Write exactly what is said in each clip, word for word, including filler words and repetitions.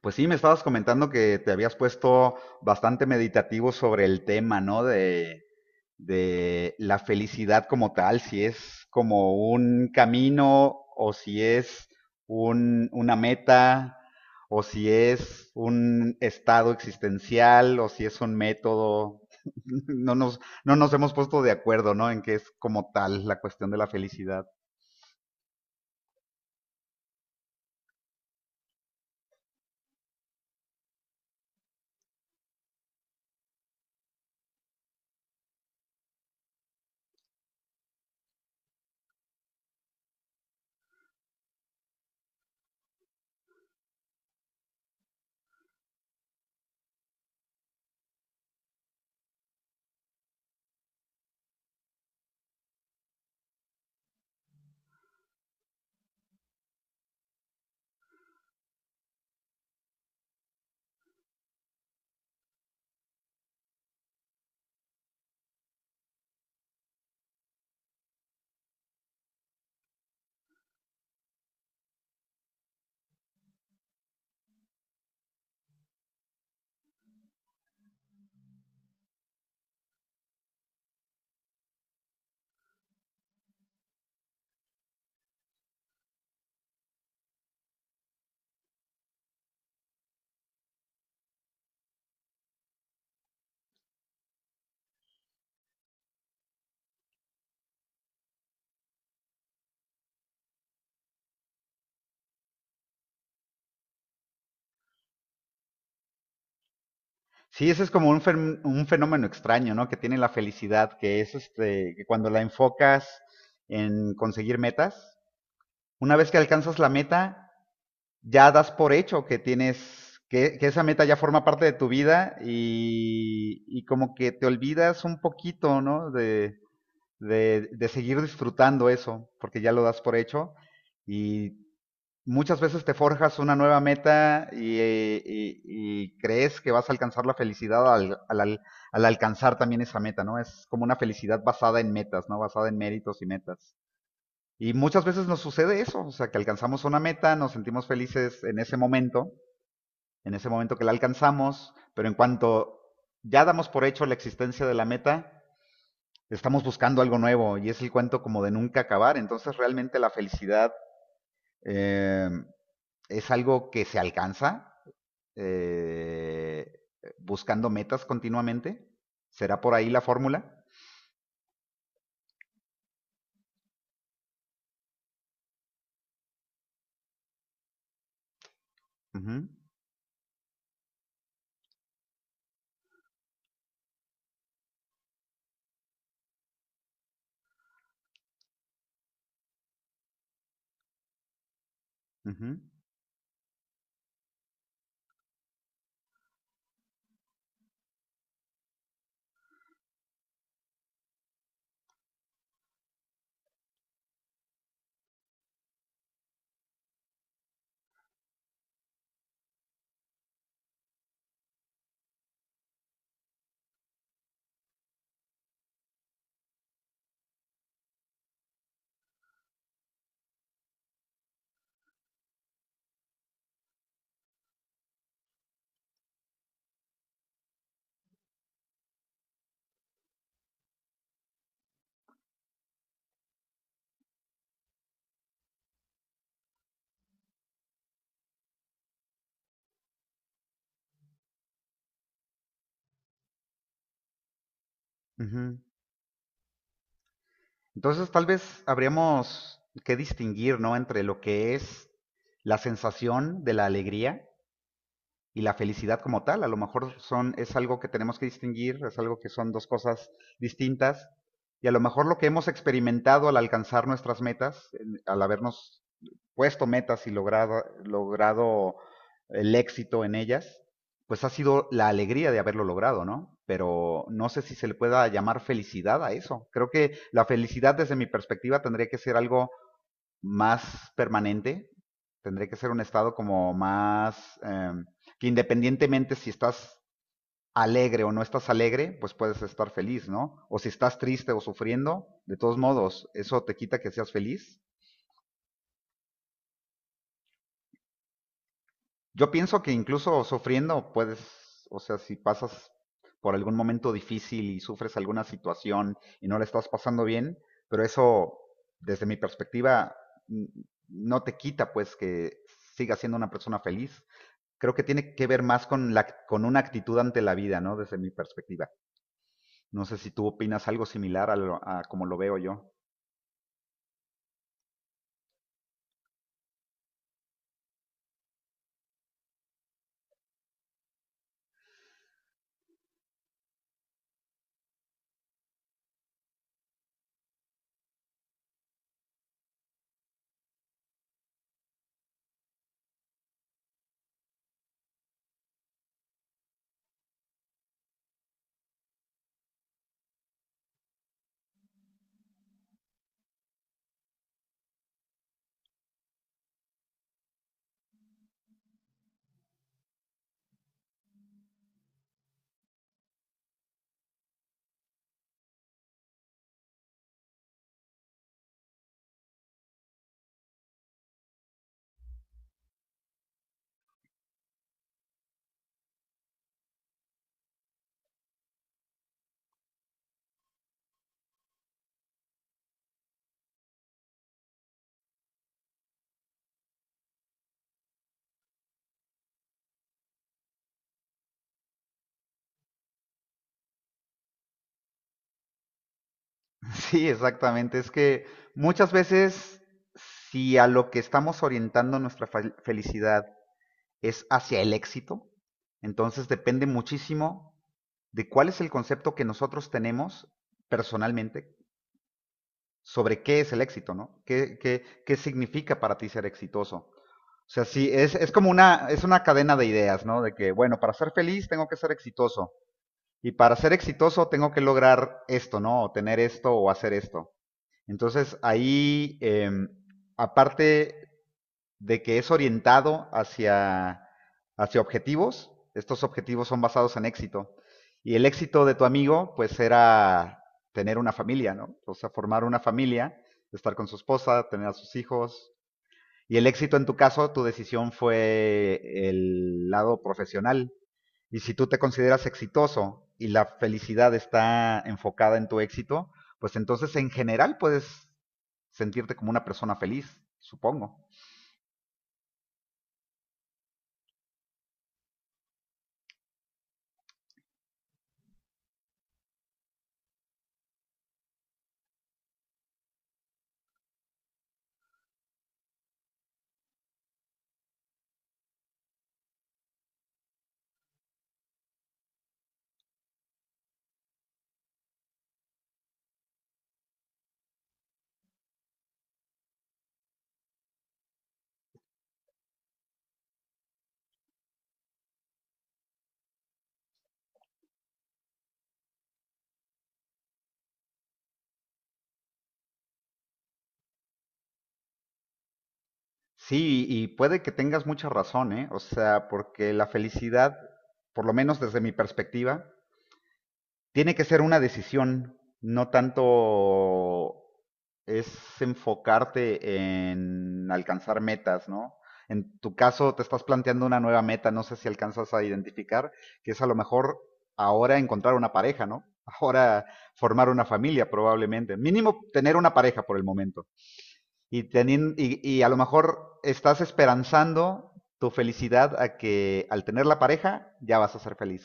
Pues sí, me estabas comentando que te habías puesto bastante meditativo sobre el tema, ¿no? De, de la felicidad como tal, si es como un camino o si es un- una meta o si es un estado existencial o si es un método. No nos, no nos hemos puesto de acuerdo, ¿no? En qué es como tal la cuestión de la felicidad. Sí, ese es como un, fen- un fenómeno extraño, ¿no? Que tiene la felicidad, que es este, que cuando la enfocas en conseguir metas, una vez que alcanzas la meta, ya das por hecho que tienes, que, que esa meta ya forma parte de tu vida y, y como que te olvidas un poquito, ¿no? De, de, de seguir disfrutando eso, porque ya lo das por hecho y muchas veces te forjas una nueva meta y, eh, y- y crees que vas a alcanzar la felicidad al, al- al- alcanzar también esa meta, ¿no? Es como una felicidad basada en metas, ¿no? Basada en méritos y metas. Y muchas veces nos sucede eso, o sea, que alcanzamos una meta, nos sentimos felices en ese momento, en ese momento que la alcanzamos, pero en cuanto ya damos por hecho la existencia de la meta, estamos buscando algo nuevo y es el cuento como de nunca acabar. Entonces realmente la felicidad... em, es algo que se alcanza, eh, buscando metas continuamente. ¿Será por ahí la fórmula? Ujú, ujú, ujú. Entonces tal vez habríamos que distinguir, ¿no? Entre lo que es la sensación de la alegría y la felicidad como tal. A lo mejor son, es algo que tenemos que distinguir, es algo que son dos cosas distintas. Y a lo mejor lo que hemos experimentado al alcanzar nuestras metas, al habernos puesto metas y logrado, logrado el éxito en ellas, pues ha sido la alegría de haberlo logrado, ¿no? Pero no sé si se le pueda llamar felicidad a eso. Creo que la felicidad desde mi perspectiva tendría que ser algo más permanente, tendría que ser un estado como más, eh, que independientemente si estás alegre o no estás alegre, pues puedes estar feliz, ¿no? O si estás triste o sufriendo, de todos modos, eso te quita que seas feliz. Yo pienso que incluso sufriendo puedes, o sea, si pasas por algún momento difícil y sufres alguna situación y no la estás pasando bien, pero eso, desde mi perspectiva, no te quita pues que sigas siendo una persona feliz. Creo que tiene que ver más con, la, con una actitud ante la vida, ¿no? Desde mi perspectiva. No sé si tú opinas algo similar a, lo, a como lo veo yo. Sí, exactamente. Es que muchas veces, si a lo que estamos orientando nuestra fel- felicidad es hacia el éxito, entonces depende muchísimo de cuál es el concepto que nosotros tenemos personalmente sobre qué es el éxito, ¿no? ¿Qué, qué, qué significa para ti ser exitoso? O sea, sí, es, es como una, es una cadena de ideas, ¿no? De que, bueno, para ser feliz tengo que ser exitoso. Y para ser exitoso tengo que lograr esto, ¿no? O tener esto o hacer esto. Entonces ahí, eh, aparte de que es orientado hacia, hacia objetivos. Estos objetivos son basados en éxito. Y el éxito de tu amigo, pues era tener una familia, ¿no? O sea, formar una familia, estar con su esposa, tener a sus hijos. Y el éxito en tu caso, tu decisión fue el lado profesional. Y si tú te consideras exitoso y la felicidad está enfocada en tu éxito, pues entonces en general puedes sentirte como una persona feliz, supongo. Sí, y puede que tengas mucha razón, ¿eh? O sea, porque la felicidad, por lo menos desde mi perspectiva, tiene que ser una decisión, no tanto es enfocarte en alcanzar metas, ¿no? En tu caso, te estás planteando una nueva meta, no sé si alcanzas a identificar, que es a lo mejor ahora encontrar una pareja, ¿no? Ahora formar una familia, probablemente. Mínimo tener una pareja por el momento. Y, teniendo, y, y a lo mejor estás esperanzando tu felicidad a que al tener la pareja ya vas a ser feliz.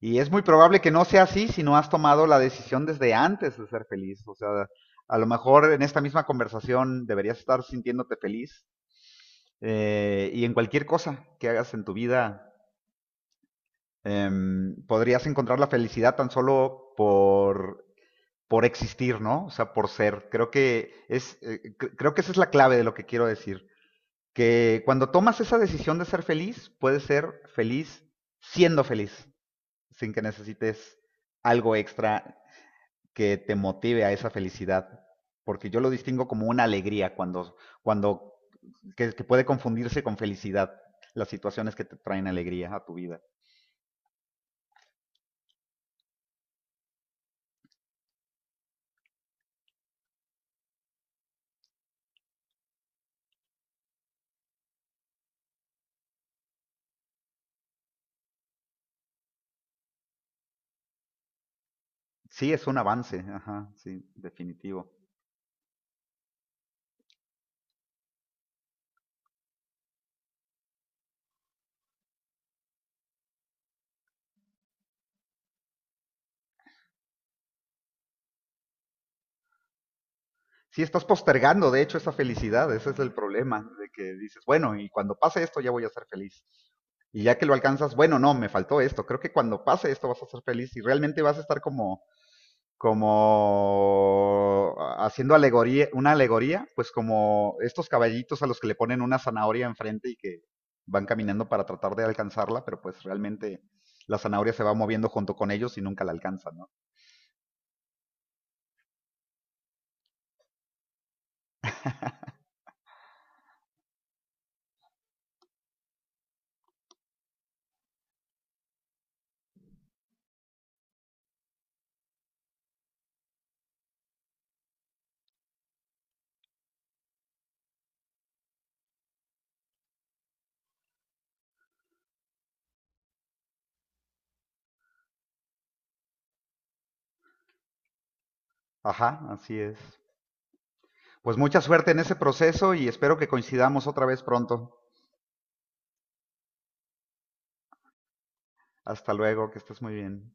Y es muy probable que no sea así si no has tomado la decisión desde antes de ser feliz. O sea, a lo mejor en esta misma conversación deberías estar sintiéndote feliz. Eh, y en cualquier cosa que hagas en tu vida, eh, podrías encontrar la felicidad tan solo por, por existir, ¿no? O sea, por ser. Creo que, es, eh, creo que esa es la clave de lo que quiero decir. Que cuando tomas esa decisión de ser feliz, puedes ser feliz siendo feliz, sin que necesites algo extra que te motive a esa felicidad. Porque yo lo distingo como una alegría cuando, cuando que, que puede confundirse con felicidad las situaciones que te traen alegría a tu vida. Sí, es un avance, ajá, sí, definitivo. Sí, estás postergando, de hecho, esa felicidad, ese es el problema, de que dices, bueno, y cuando pase esto ya voy a ser feliz. Y ya que lo alcanzas, bueno, no, me faltó esto, creo que cuando pase esto vas a ser feliz y realmente vas a estar como, como haciendo alegoría, una alegoría, pues como estos caballitos a los que le ponen una zanahoria enfrente y que van caminando para tratar de alcanzarla, pero pues realmente la zanahoria se va moviendo junto con ellos y nunca la alcanzan, ¿no? Ajá, así es. Pues mucha suerte en ese proceso y espero que coincidamos otra vez pronto. Hasta luego, que estés muy bien.